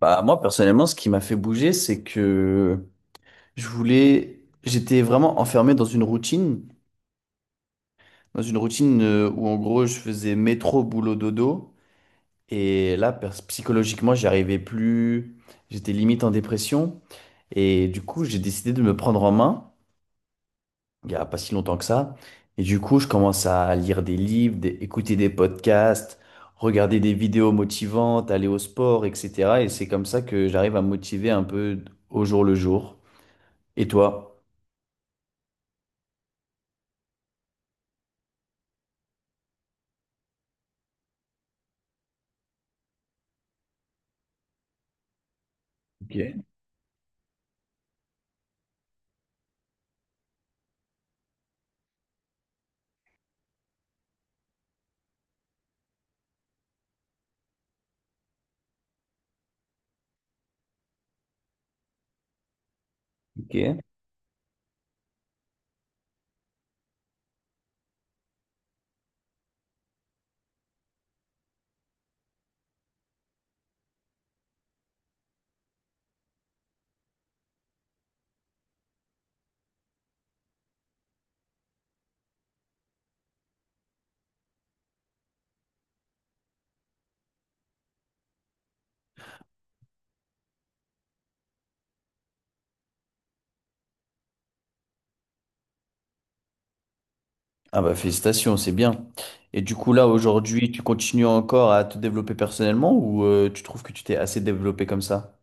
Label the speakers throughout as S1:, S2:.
S1: Bah, moi, personnellement, ce qui m'a fait bouger, c'est que j'étais vraiment enfermé dans une routine, où en gros, je faisais métro, boulot, dodo. Et là, psychologiquement, j'y arrivais plus. J'étais limite en dépression. Et du coup, j'ai décidé de me prendre en main, il n'y a pas si longtemps que ça. Et du coup, je commence à lire des livres, écouter des podcasts, regarder des vidéos motivantes, aller au sport, etc. Et c'est comme ça que j'arrive à me motiver un peu au jour le jour. Et toi? Ok, ok. Ah bah, félicitations, c'est bien. Et du coup là aujourd'hui, tu continues encore à te développer personnellement ou tu trouves que tu t'es assez développé comme ça?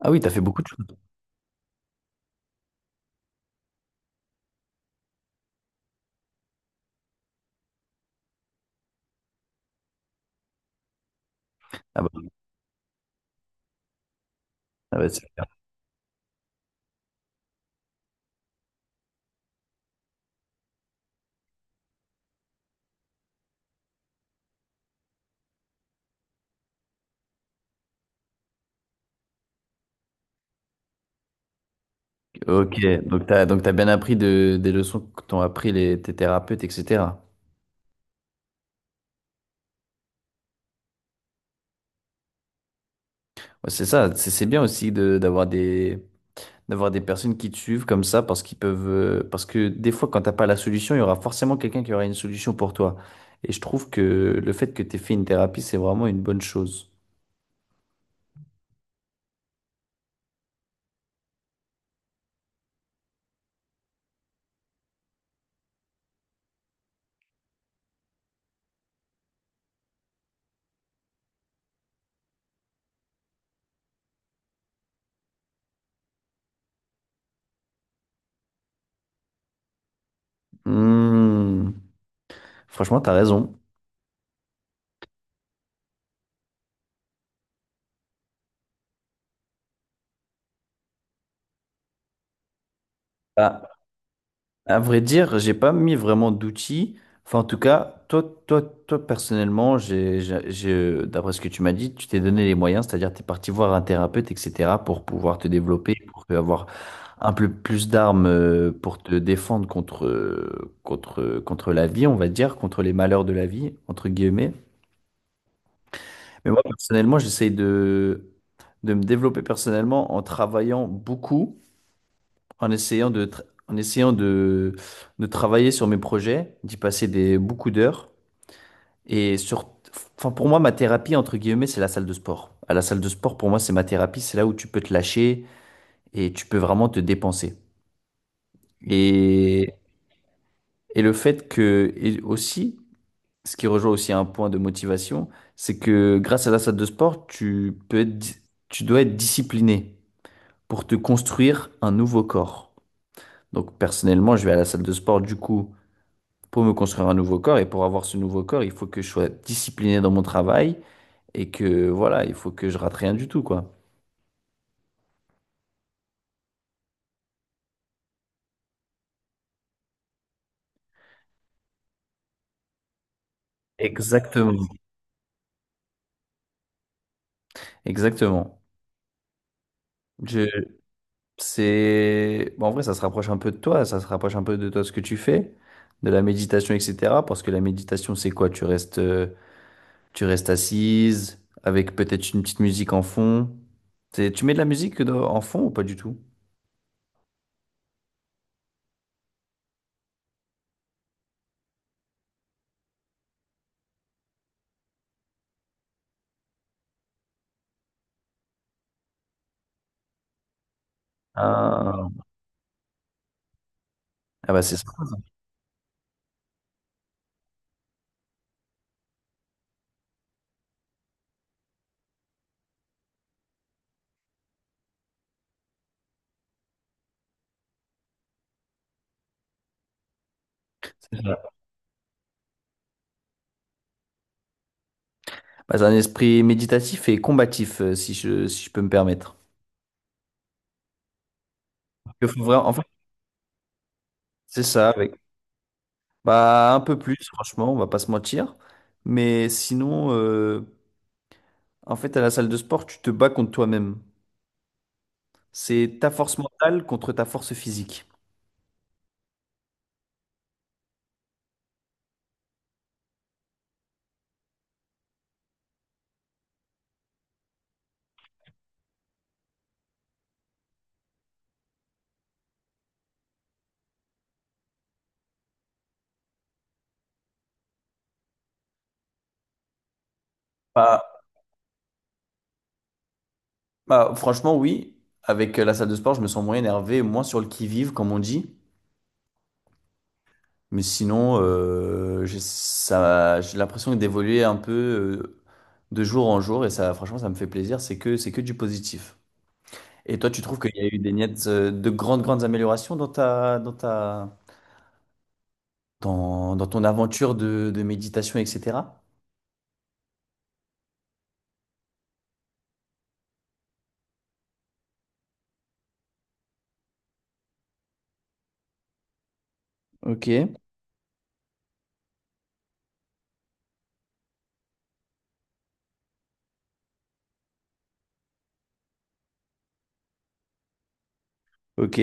S1: Ah oui, t'as fait beaucoup de choses. Ah bah, ah bah, c'est bien. Ok, donc t'as bien appris des leçons que t'ont appris les, tes thérapeutes, etc. Ouais, c'est ça, c'est bien aussi de d'avoir d'avoir des personnes qui te suivent comme ça parce qu'ils peuvent parce que des fois quand t'as pas la solution, il y aura forcément quelqu'un qui aura une solution pour toi, et je trouve que le fait que t'aies fait une thérapie, c'est vraiment une bonne chose. Hmm. Franchement, t'as raison. Bah, à vrai dire, j'ai pas mis vraiment d'outils. Enfin, en tout cas, toi personnellement, d'après ce que tu m'as dit, tu t'es donné les moyens, c'est-à-dire tu es parti voir un thérapeute, etc., pour pouvoir te développer, pour avoir un peu plus d'armes pour te défendre contre la vie, on va dire, contre les malheurs de la vie, entre guillemets. Mais moi, personnellement, j'essaye de me développer personnellement en travaillant beaucoup en essayant de, tra- en essayant de travailler sur mes projets, d'y passer beaucoup d'heures. Et sur, enfin, pour moi, ma thérapie, entre guillemets, c'est la salle de sport. À la salle de sport, pour moi, c'est ma thérapie. C'est là où tu peux te lâcher et tu peux vraiment te dépenser. Et, et, le fait que, et aussi, ce qui rejoint aussi un point de motivation, c'est que grâce à la salle de sport, tu dois être discipliné pour te construire un nouveau corps. Donc personnellement, je vais à la salle de sport du coup pour me construire un nouveau corps, et pour avoir ce nouveau corps, il faut que je sois discipliné dans mon travail et que voilà, il faut que je rate rien du tout, quoi. Exactement. Exactement. Je, c'est, bon, en vrai, ça se rapproche un peu de toi, ça se rapproche un peu de toi ce que tu fais, de la méditation, etc. Parce que la méditation, c'est quoi? Tu restes assise avec peut-être une petite musique en fond. C'est- Tu mets de la musique en fond ou pas du tout? Ah, ah, bah c'est ça. Bah, c'est un esprit méditatif et combatif, si je peux me permettre. En fait, c'est ça, avec bah, un peu plus, franchement, on va pas se mentir. Mais sinon, en fait, à la salle de sport, tu te bats contre toi-même. C'est ta force mentale contre ta force physique. Bah, bah, franchement, oui. Avec la salle de sport, je me sens moins énervé, moins sur le qui-vive, comme on dit. Mais sinon, j'ai l'impression d'évoluer un peu de jour en jour. Et ça, franchement, ça me fait plaisir. C'est que du positif. Et toi, tu trouves qu'il y a eu des nettes de grandes, grandes améliorations dans ton aventure de méditation, etc. Ok, ok.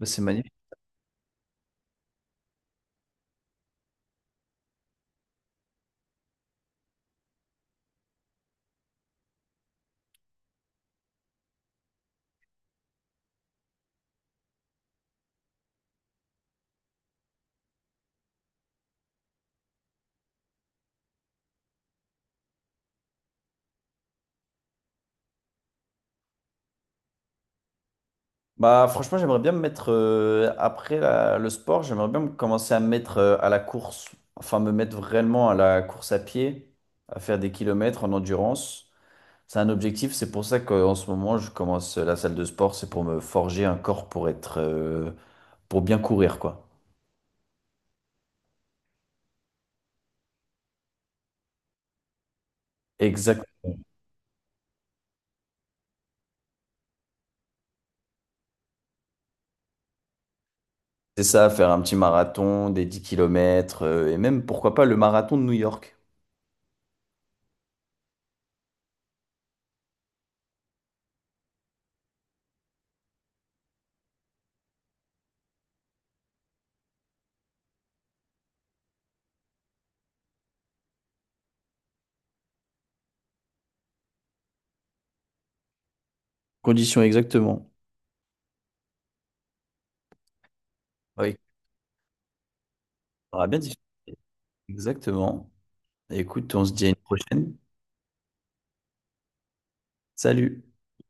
S1: Bah, c'est magnifique. Bah, franchement, j'aimerais bien me mettre, après le sport, j'aimerais bien commencer à me mettre à la course, enfin me mettre vraiment à la course à pied, à faire des kilomètres en endurance. C'est un objectif, c'est pour ça qu'en ce moment, je commence la salle de sport, c'est pour me forger un corps pour être, pour bien courir, quoi. Exact. C'est ça, faire un petit marathon, des 10 kilomètres, et même, pourquoi pas, le marathon de New York. Condition exactement. Oui, ça sera bien différent. Exactement. Écoute, on se dit à une prochaine. Salut.